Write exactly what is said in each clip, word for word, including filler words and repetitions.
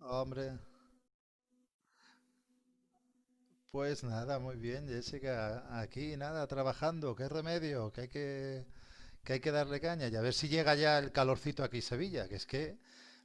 Hombre, pues nada, muy bien, Jessica. Aquí nada, trabajando. Qué remedio, que hay que, que hay que darle caña. Y a ver si llega ya el calorcito aquí en Sevilla, que es que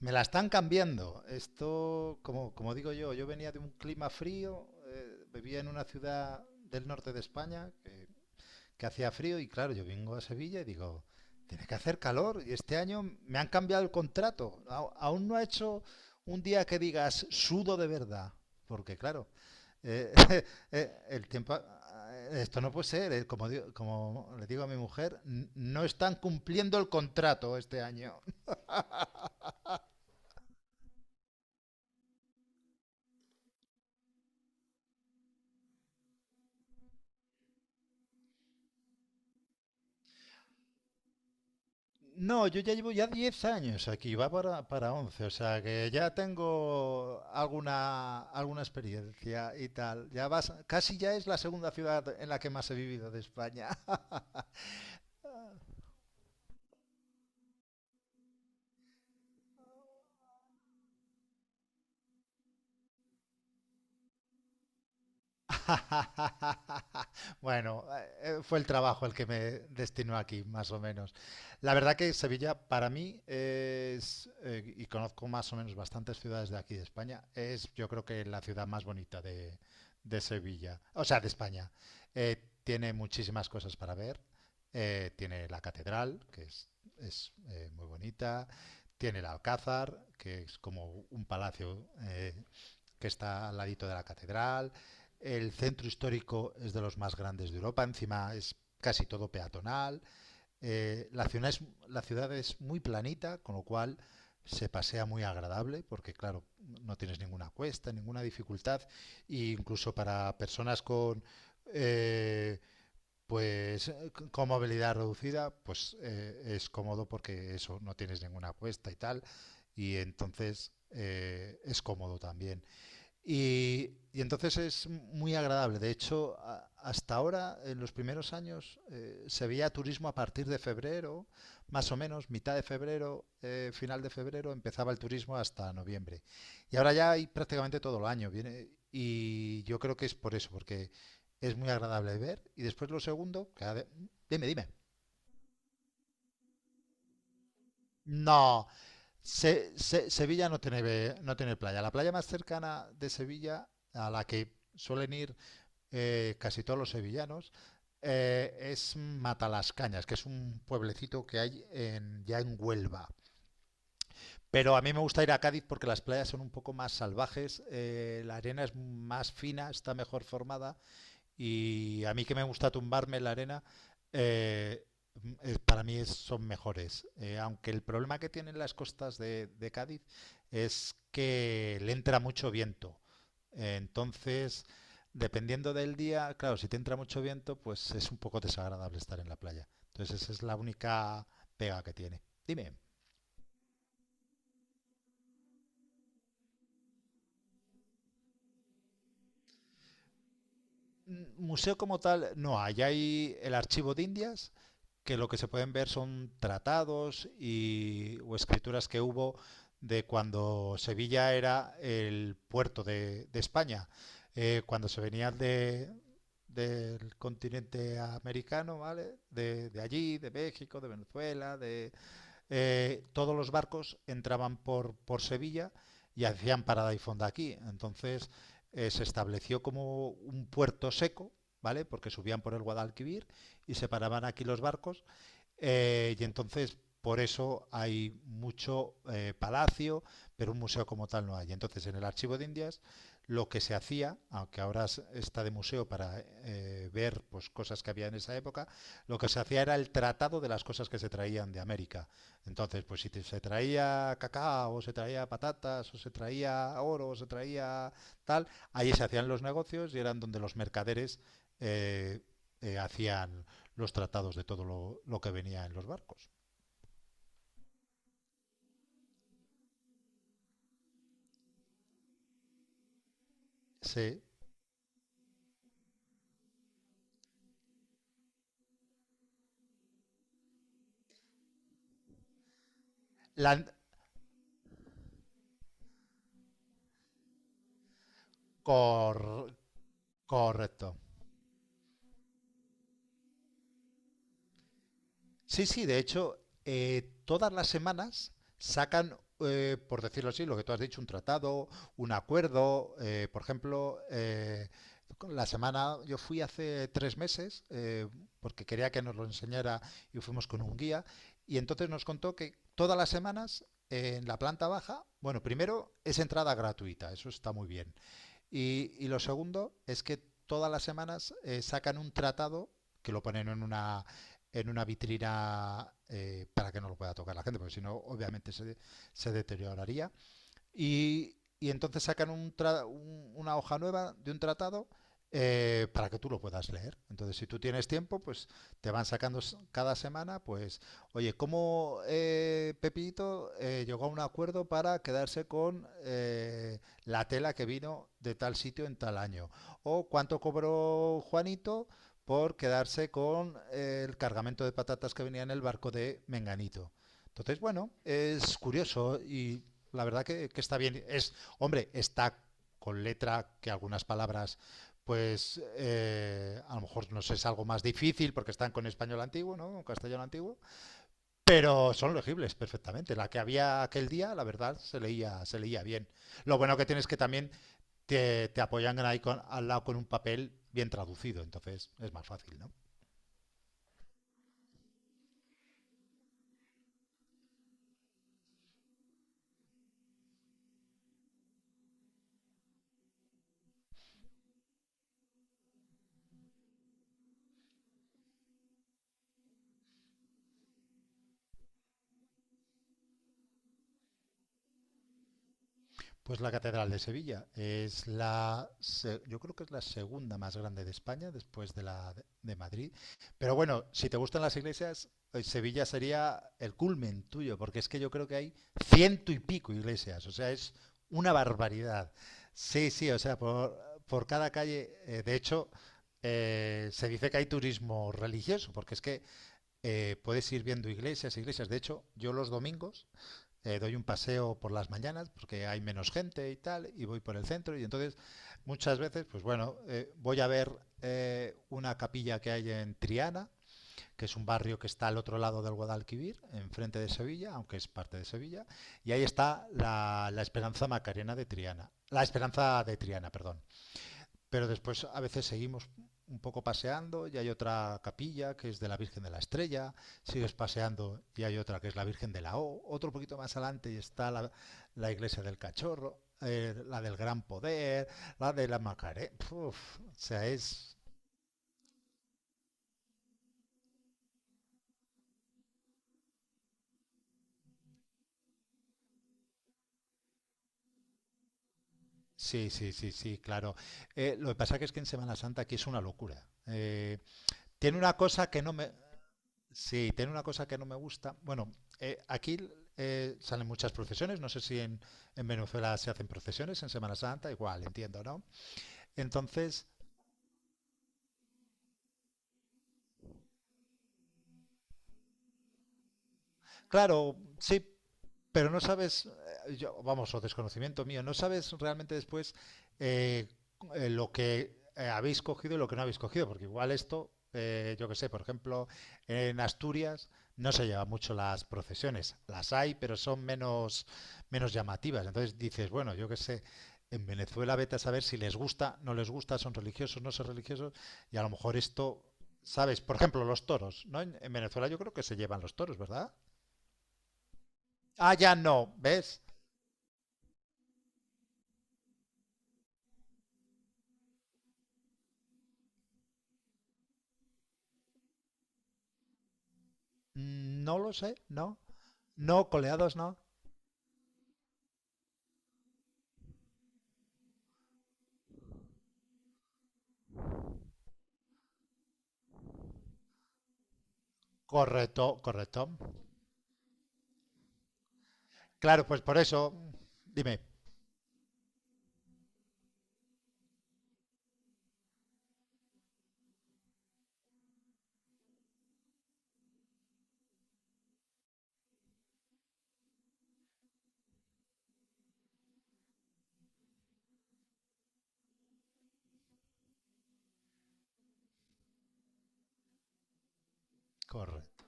me la están cambiando. Esto, como, como digo yo, yo venía de un clima frío, eh, vivía en una ciudad del norte de España, que que hacía frío y claro, yo vengo a Sevilla y digo, tiene que hacer calor y este año me han cambiado el contrato. Aún no ha hecho un día que digas sudo de verdad, porque claro, eh, eh, el tiempo, eh, esto no puede ser, eh, como, como le digo a mi mujer, no están cumpliendo el contrato este año. No, yo ya llevo ya diez años aquí, va para, para once, o sea que ya tengo alguna, alguna experiencia y tal. Ya vas, casi ya es la segunda ciudad en la que más he vivido de España. Bueno, eh, fue el trabajo el que me destinó aquí, más o menos. La verdad que Sevilla para mí es, eh, y conozco más o menos bastantes ciudades de aquí de España, es yo creo que la ciudad más bonita de, de Sevilla, o sea, de España. Eh, tiene muchísimas cosas para ver. Eh, tiene la catedral, que es, es, eh, muy bonita. Tiene el Alcázar, que es como un palacio eh, que está al ladito de la catedral. El centro histórico es de los más grandes de Europa, encima es casi todo peatonal. Eh, la, ciudad es, la ciudad es muy planita, con lo cual se pasea muy agradable porque claro, no tienes ninguna cuesta, ninguna dificultad e incluso para personas con eh, pues con movilidad reducida pues eh, es cómodo porque eso no tienes ninguna cuesta y tal y entonces eh, es cómodo también. Y, y entonces es muy agradable. De hecho, a- hasta ahora, en los primeros años, eh, se veía turismo a partir de febrero, más o menos, mitad de febrero, eh, final de febrero, empezaba el turismo hasta noviembre. Y ahora ya hay prácticamente todo el año. Viene, y yo creo que es por eso, porque es muy agradable ver. Y después lo segundo, que ha de- dime, dime. No, Se- Se- Sevilla no tiene, no tiene playa. La playa más cercana de Sevilla, a la que suelen ir eh, casi todos los sevillanos, eh, es Matalascañas, que es un pueblecito que hay en, ya en Huelva. Pero a mí me gusta ir a Cádiz porque las playas son un poco más salvajes, eh, la arena es más fina, está mejor formada y a mí que me gusta tumbarme en la arena, eh, eh, para mí es- son mejores. Eh, aunque el problema que tienen las costas de, de Cádiz es que le entra mucho viento. Eh, entonces, dependiendo del día, claro, si te entra mucho viento, pues es un poco desagradable estar en la playa. Entonces, esa es la única pega que tiene. Dime. mm, museo como tal no hay. Hay el archivo de Indias, que lo que se pueden ver son tratados y, o escrituras que hubo de cuando Sevilla era el puerto de, de España, eh, cuando se venían de, del continente americano, ¿vale? De, de allí, de México, de Venezuela, de, eh, todos los barcos entraban por, por Sevilla y hacían parada y fonda aquí. Entonces eh, se estableció como un puerto seco, ¿vale? Porque subían por el Guadalquivir y se paraban aquí los barcos eh, y entonces, por eso hay mucho eh, palacio, pero un museo como tal no hay. Entonces, en el Archivo de Indias, lo que se hacía, aunque ahora está de museo para eh, ver pues, cosas que había en esa época, lo que se hacía era el tratado de las cosas que se traían de América. Entonces, pues si te- se traía cacao, o se traía patatas, o se traía oro, o se traía tal, ahí se hacían los negocios y eran donde los mercaderes eh, eh, hacían los tratados de todo lo, lo que venía en los barcos. Sí. La, cor, correcto. Sí, sí, de hecho, eh, todas las semanas sacan, eh, por decirlo así, lo que tú has dicho, un tratado, un acuerdo. Eh, por ejemplo, eh, la semana, yo fui hace tres meses eh, porque quería que nos lo enseñara y fuimos con un guía y entonces nos contó que todas las semanas eh, en la planta baja, bueno, primero es entrada gratuita, eso está muy bien. Y, y lo segundo es que todas las semanas eh, sacan un tratado que lo ponen en una, en una vitrina eh, para que no lo pueda tocar la gente, porque si no, obviamente se, se deterioraría. Y, y entonces sacan un tra- un- una hoja nueva de un tratado eh, para que tú lo puedas leer. Entonces, si tú tienes tiempo, pues te van sacando s- cada semana, pues, oye, ¿cómo eh, Pepito eh, llegó a un acuerdo para quedarse con eh, la tela que vino de tal sitio en tal año? ¿O cuánto cobró Juanito por quedarse con eh, el cargamento de patatas que venía en el barco de Menganito? Entonces, bueno, es curioso y la verdad que, que está bien. Es, hombre, está con letra que algunas palabras, pues eh, a lo mejor nos es algo más difícil porque están con español antiguo, ¿no? Con castellano antiguo. Pero son legibles perfectamente. La que había aquel día, la verdad, se leía, se leía bien. Lo bueno que tienes es que también te, te apoyan ahí con- al lado con un papel bien traducido, entonces es más fácil, ¿no? Pues la Catedral de Sevilla es la, se- yo creo que es la segunda más grande de España después de la de de Madrid. Pero bueno, si te gustan las iglesias, eh, Sevilla sería el culmen tuyo, porque es que yo creo que hay ciento y pico iglesias, o sea, es una barbaridad. Sí, sí, o sea, por, por cada calle, eh, de hecho, eh, se dice que hay turismo religioso, porque es que eh, puedes ir viendo iglesias, iglesias. De hecho, yo los domingos eh, doy un paseo por las mañanas porque hay menos gente y tal, y voy por el centro y entonces muchas veces, pues bueno, eh, voy a ver eh, una capilla que hay en Triana, que es un barrio que está al otro lado del Guadalquivir, enfrente de Sevilla, aunque es parte de Sevilla, y ahí está la, la Esperanza Macarena de Triana, la Esperanza de Triana, perdón. Pero después a veces seguimos un poco paseando y hay otra capilla que es de la Virgen de la Estrella, sigues paseando y hay otra que es la Virgen de la O, otro poquito más adelante y está la, la iglesia del Cachorro, eh, la del Gran Poder, la de la Macarena. O sea, es... Sí, sí, sí, sí, claro. Eh, lo que pasa que es que en Semana Santa aquí es una locura. Eh, tiene una cosa que no me Sí, tiene una cosa que no me gusta. Bueno, eh, aquí eh, salen muchas procesiones. No sé si en, en Venezuela se hacen procesiones en Semana Santa, igual, entiendo, ¿no? Entonces, claro, sí, pero no sabes, eh, yo, vamos, o desconocimiento mío, no sabes realmente después eh, eh, lo que eh, habéis cogido y lo que no habéis cogido, porque igual esto, eh, yo que sé, por ejemplo, en Asturias no se llevan mucho las procesiones, las hay, pero son menos, menos llamativas. Entonces dices, bueno, yo que sé, en Venezuela vete a saber si les gusta, no les gusta, son religiosos, no son religiosos, y a lo mejor esto, ¿sabes? Por ejemplo, los toros, ¿no? En, en Venezuela yo creo que se llevan los toros, ¿verdad? Ah, ya no, ¿ves? Mm, no lo sé, no. No, coleados no. Correcto, correcto. Claro, pues por eso, dime. Correcto.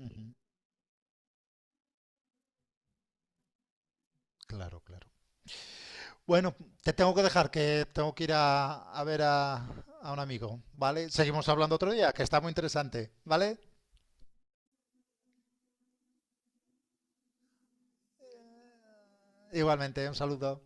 Ujú, claro, claro. Bueno, te tengo que dejar, que tengo que ir a, a ver a, a un amigo, ¿vale? Seguimos hablando otro día, que está muy interesante, ¿vale? Igualmente, un saludo.